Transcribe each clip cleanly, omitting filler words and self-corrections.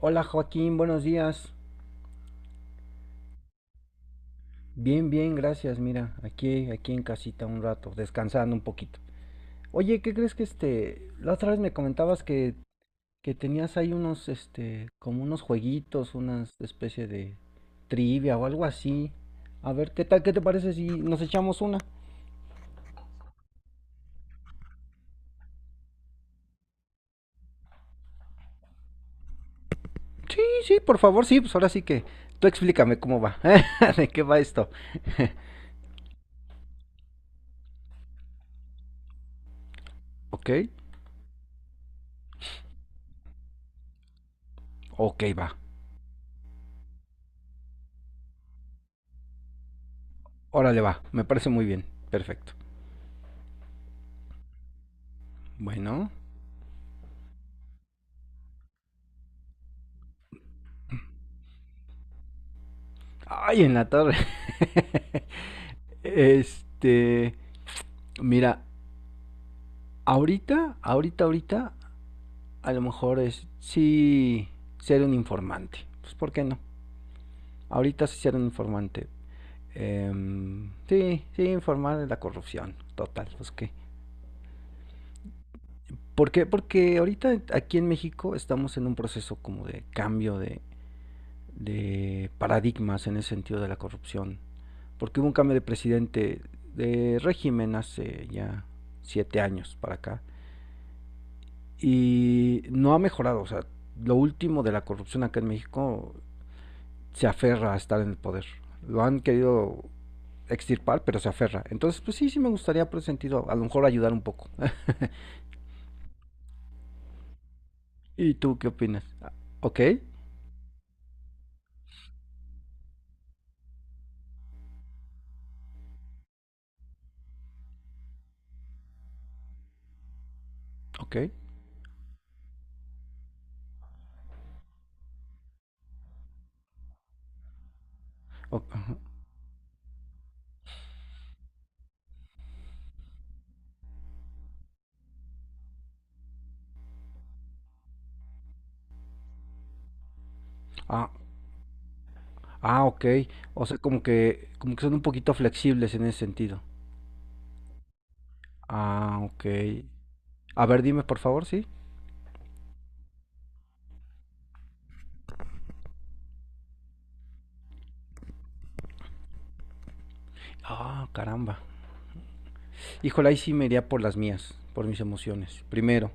Hola Joaquín, buenos días. Bien, bien, gracias. Mira, aquí en casita un rato, descansando un poquito. Oye, ¿qué crees que la otra vez me comentabas que tenías ahí unos, como unos jueguitos, una especie de trivia o algo así? A ver, ¿qué tal? ¿Qué te parece si nos echamos una? Sí, sí, por favor, sí, pues ahora sí que tú explícame cómo va, de qué va esto. Ok, ok, va. Órale, va, me parece muy bien, perfecto. Bueno. Ay, en la torre. Este, mira, ahorita, ahorita, ahorita, a lo mejor es sí ser un informante. Pues, ¿por qué no? Ahorita sí ser un informante. Sí, sí, informar de la corrupción. Total, pues qué. ¿Por qué? Porque ahorita aquí en México estamos en un proceso como de cambio de paradigmas en el sentido de la corrupción. Porque hubo un cambio de presidente de régimen hace ya 7 años para acá y no ha mejorado. O sea, lo último de la corrupción acá en México se aferra a estar en el poder. Lo han querido extirpar, pero se aferra. Entonces, pues sí, sí me gustaría por ese sentido a lo mejor ayudar un poco. ¿Y tú qué opinas? ¿Ok? ¿Ok? o- Ah, ah, ok. O sea, como que son un poquito flexibles en ese sentido. Ah, ok. A ver, dime por favor, sí. Ah, caramba. Híjole, ahí sí me iría por las mías, por mis emociones. Primero,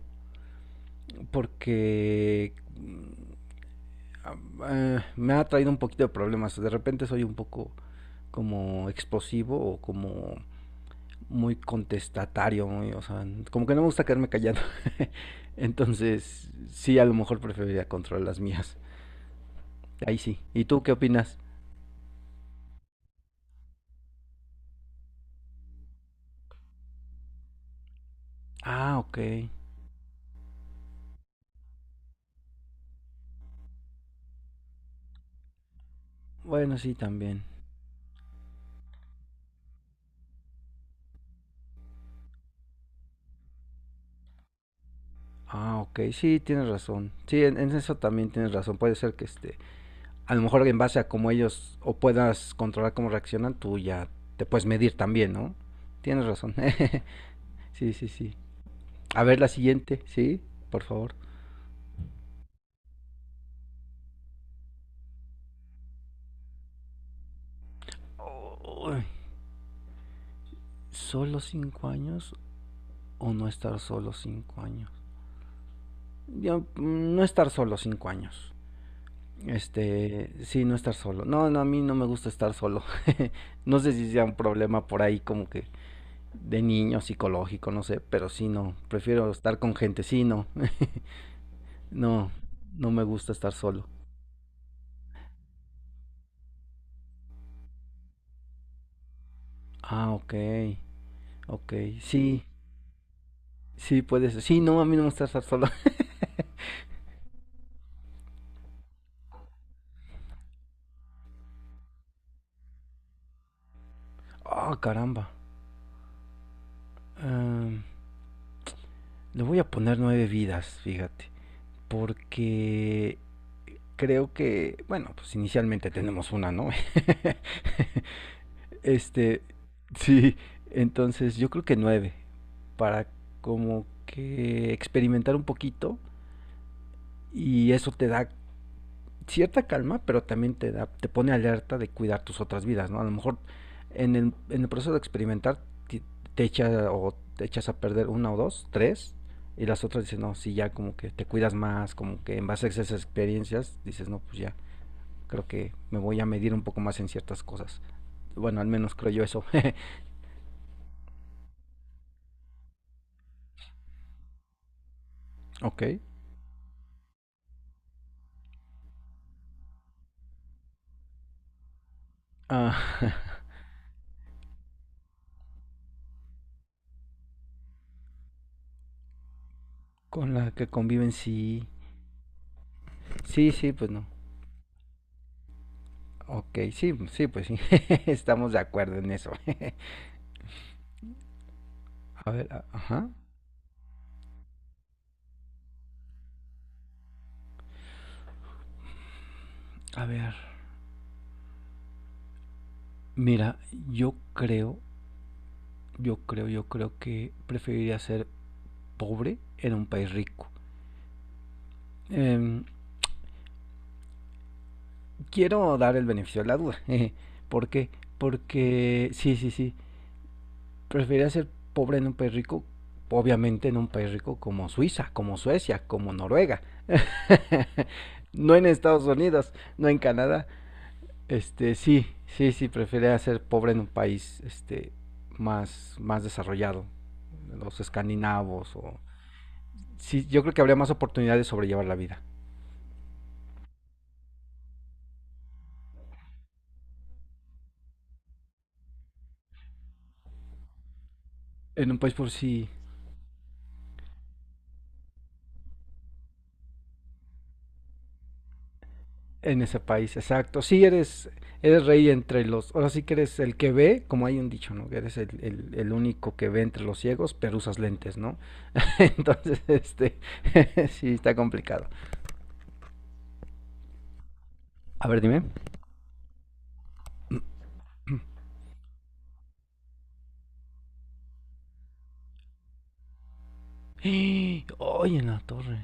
porque ah, me ha traído un poquito de problemas. De repente soy un poco como explosivo o como muy contestatario, muy, o sea, como que no me gusta quedarme callado. Entonces, sí, a lo mejor preferiría controlar las mías. Ahí sí. ¿Y tú qué opinas? Ah, ok. Bueno, sí, también. Ah, ok. Sí, tienes razón. Sí, en eso también tienes razón. Puede ser que a lo mejor en base a cómo ellos o puedas controlar cómo reaccionan, tú ya te puedes medir también, ¿no? Tienes razón. sí, sí, sí. A ver la siguiente, ¿sí? Por favor. Uy, ¿solo 5 años o no estar solo 5 años? Yo, no estar solo 5 años. Sí, no estar solo. No, no, a mí no me gusta estar solo. no sé si sea un problema por ahí como que de niño psicológico, no sé, pero sí, no. Prefiero estar con gente, sí, no. No, no me gusta estar solo. Ah, ok, ok. Sí, sí, puede ser. Sí, no, a mí no me gusta estar solo. Ah, caramba. Am, le voy a poner 9 vidas, fíjate. Porque creo que, bueno, pues inicialmente tenemos una, ¿no? Este, sí, entonces yo creo que 9. Para como que experimentar un poquito. Y eso te da cierta calma, pero también te pone alerta de cuidar tus otras vidas, ¿no? A lo mejor en el proceso de experimentar te, te echa, o te echas a perder una o dos, tres, y las otras dicen, no, sí, ya como que te cuidas más, como que en base a esas experiencias dices, no, pues ya, creo que me voy a medir un poco más en ciertas cosas. Bueno, al menos creo yo eso. ok. Ah, con la que conviven, sí. Sí, sí, pues no. Ok, sí, sí, pues sí. Estamos de acuerdo en eso. a ver, ajá. A ver, mira, yo creo, yo creo que preferiría ser pobre en un país rico. Em, quiero dar el beneficio de la duda. jeje. ¿Por qué? Porque, sí, sí, sí, preferiría ser pobre en un país rico, obviamente en un país rico como Suiza, como Suecia, como Noruega. No en Estados Unidos, no en Canadá. Sí, sí, sí, preferiría ser pobre en un país, más desarrollado, los escandinavos. O. Sí, yo creo que habría más oportunidades de sobrellevar la vida. En un país por sí, en ese país, exacto. Sí, eres rey entre los. Ahora sí que eres el que ve, como hay un dicho, ¿no? Que eres el único que ve entre los ciegos, pero usas lentes, ¿no? Entonces, sí, está complicado. A ver, dime. Oye, en la torre.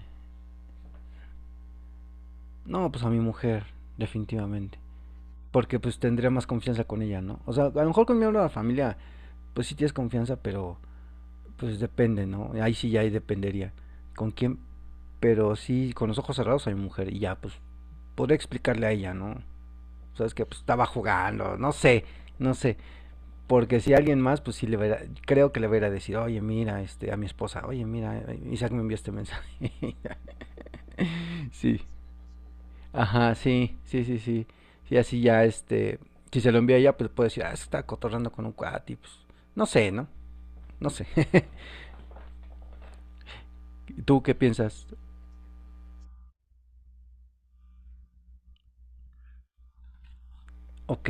No, pues a mi mujer, definitivamente porque pues tendría más confianza con ella, ¿no? O sea, a lo mejor con miembro de la familia, pues sí tienes confianza, pero pues depende, ¿no? Ahí sí ya ahí dependería. ¿Con quién? Pero sí, con los ojos cerrados a mi mujer. Y ya, pues, podría explicarle a ella, ¿no? Sabes que pues, estaba jugando, no sé, no sé. Porque si alguien más, pues sí le verá, creo que le verá decir, oye, mira, a mi esposa, oye, mira, Isaac me envió este mensaje. sí, ajá, sí, sí, sí, sí. Y así ya, si se lo envía a ella, pues puede decir, ah, se está cotorrando con un cuate, y, pues, no sé, ¿no? No sé. ¿Tú qué piensas? Ok.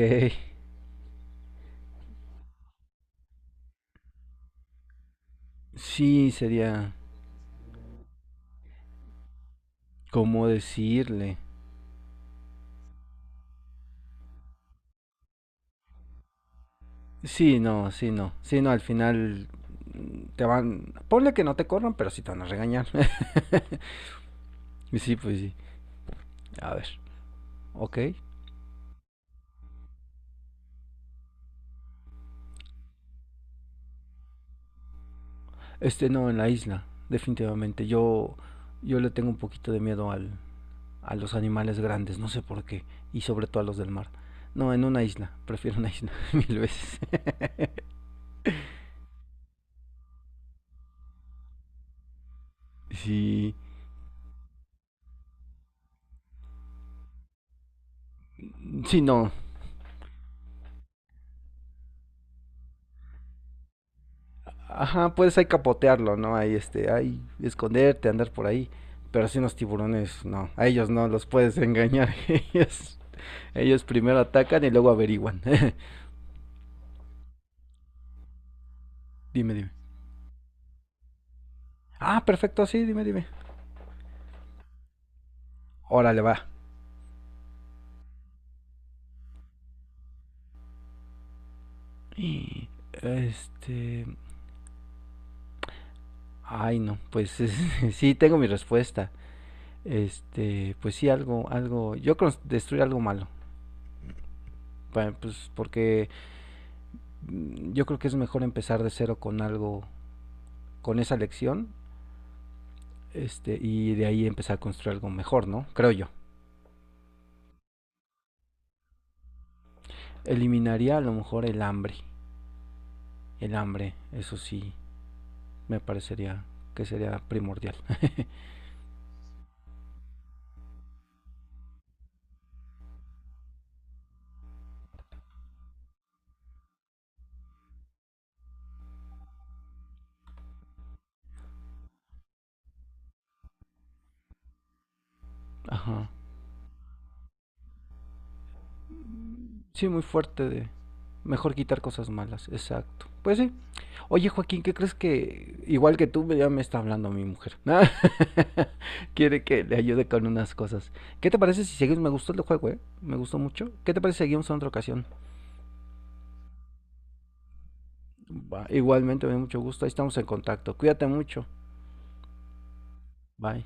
Sí, sería como decirle. Sí, no, sí, no. Sí, no, al final ponle que no te corran, pero sí te van a regañar. Y sí, pues sí. A ver, ok. No, en la isla, definitivamente. Yo le tengo un poquito de miedo a los animales grandes, no sé por qué. Y sobre todo a los del mar. No, en una isla. Prefiero una isla 1000 veces. Sí, sí, no. Ajá, puedes ahí capotearlo, ¿no? Ahí, esconderte, andar por ahí. Pero si los tiburones, no. A ellos no, los puedes engañar. Ellos, ellos primero atacan y luego averiguan. dime, dime. Ah, perfecto, sí, dime, dime. Órale, va. Y, Este. Ay, no, pues sí, tengo mi respuesta. Pues sí, algo, algo. Yo creo destruir algo malo. Pues porque yo creo que es mejor empezar de cero con algo, con esa lección. Y de ahí empezar a construir algo mejor, ¿no? Creo yo. Eliminaría a lo mejor el hambre. El hambre, eso sí, me parecería que sería primordial. Ajá. Sí, muy fuerte de. Mejor quitar cosas malas, exacto. Pues sí. Oye, Joaquín, ¿qué crees que igual que tú ya me está hablando mi mujer? Quiere que le ayude con unas cosas. ¿Qué te parece si seguimos? Me gustó el juego, ¿eh? Me gustó mucho. ¿Qué te parece si seguimos en otra ocasión? Va, igualmente, me da mucho gusto. Ahí estamos en contacto. Cuídate mucho. Bye.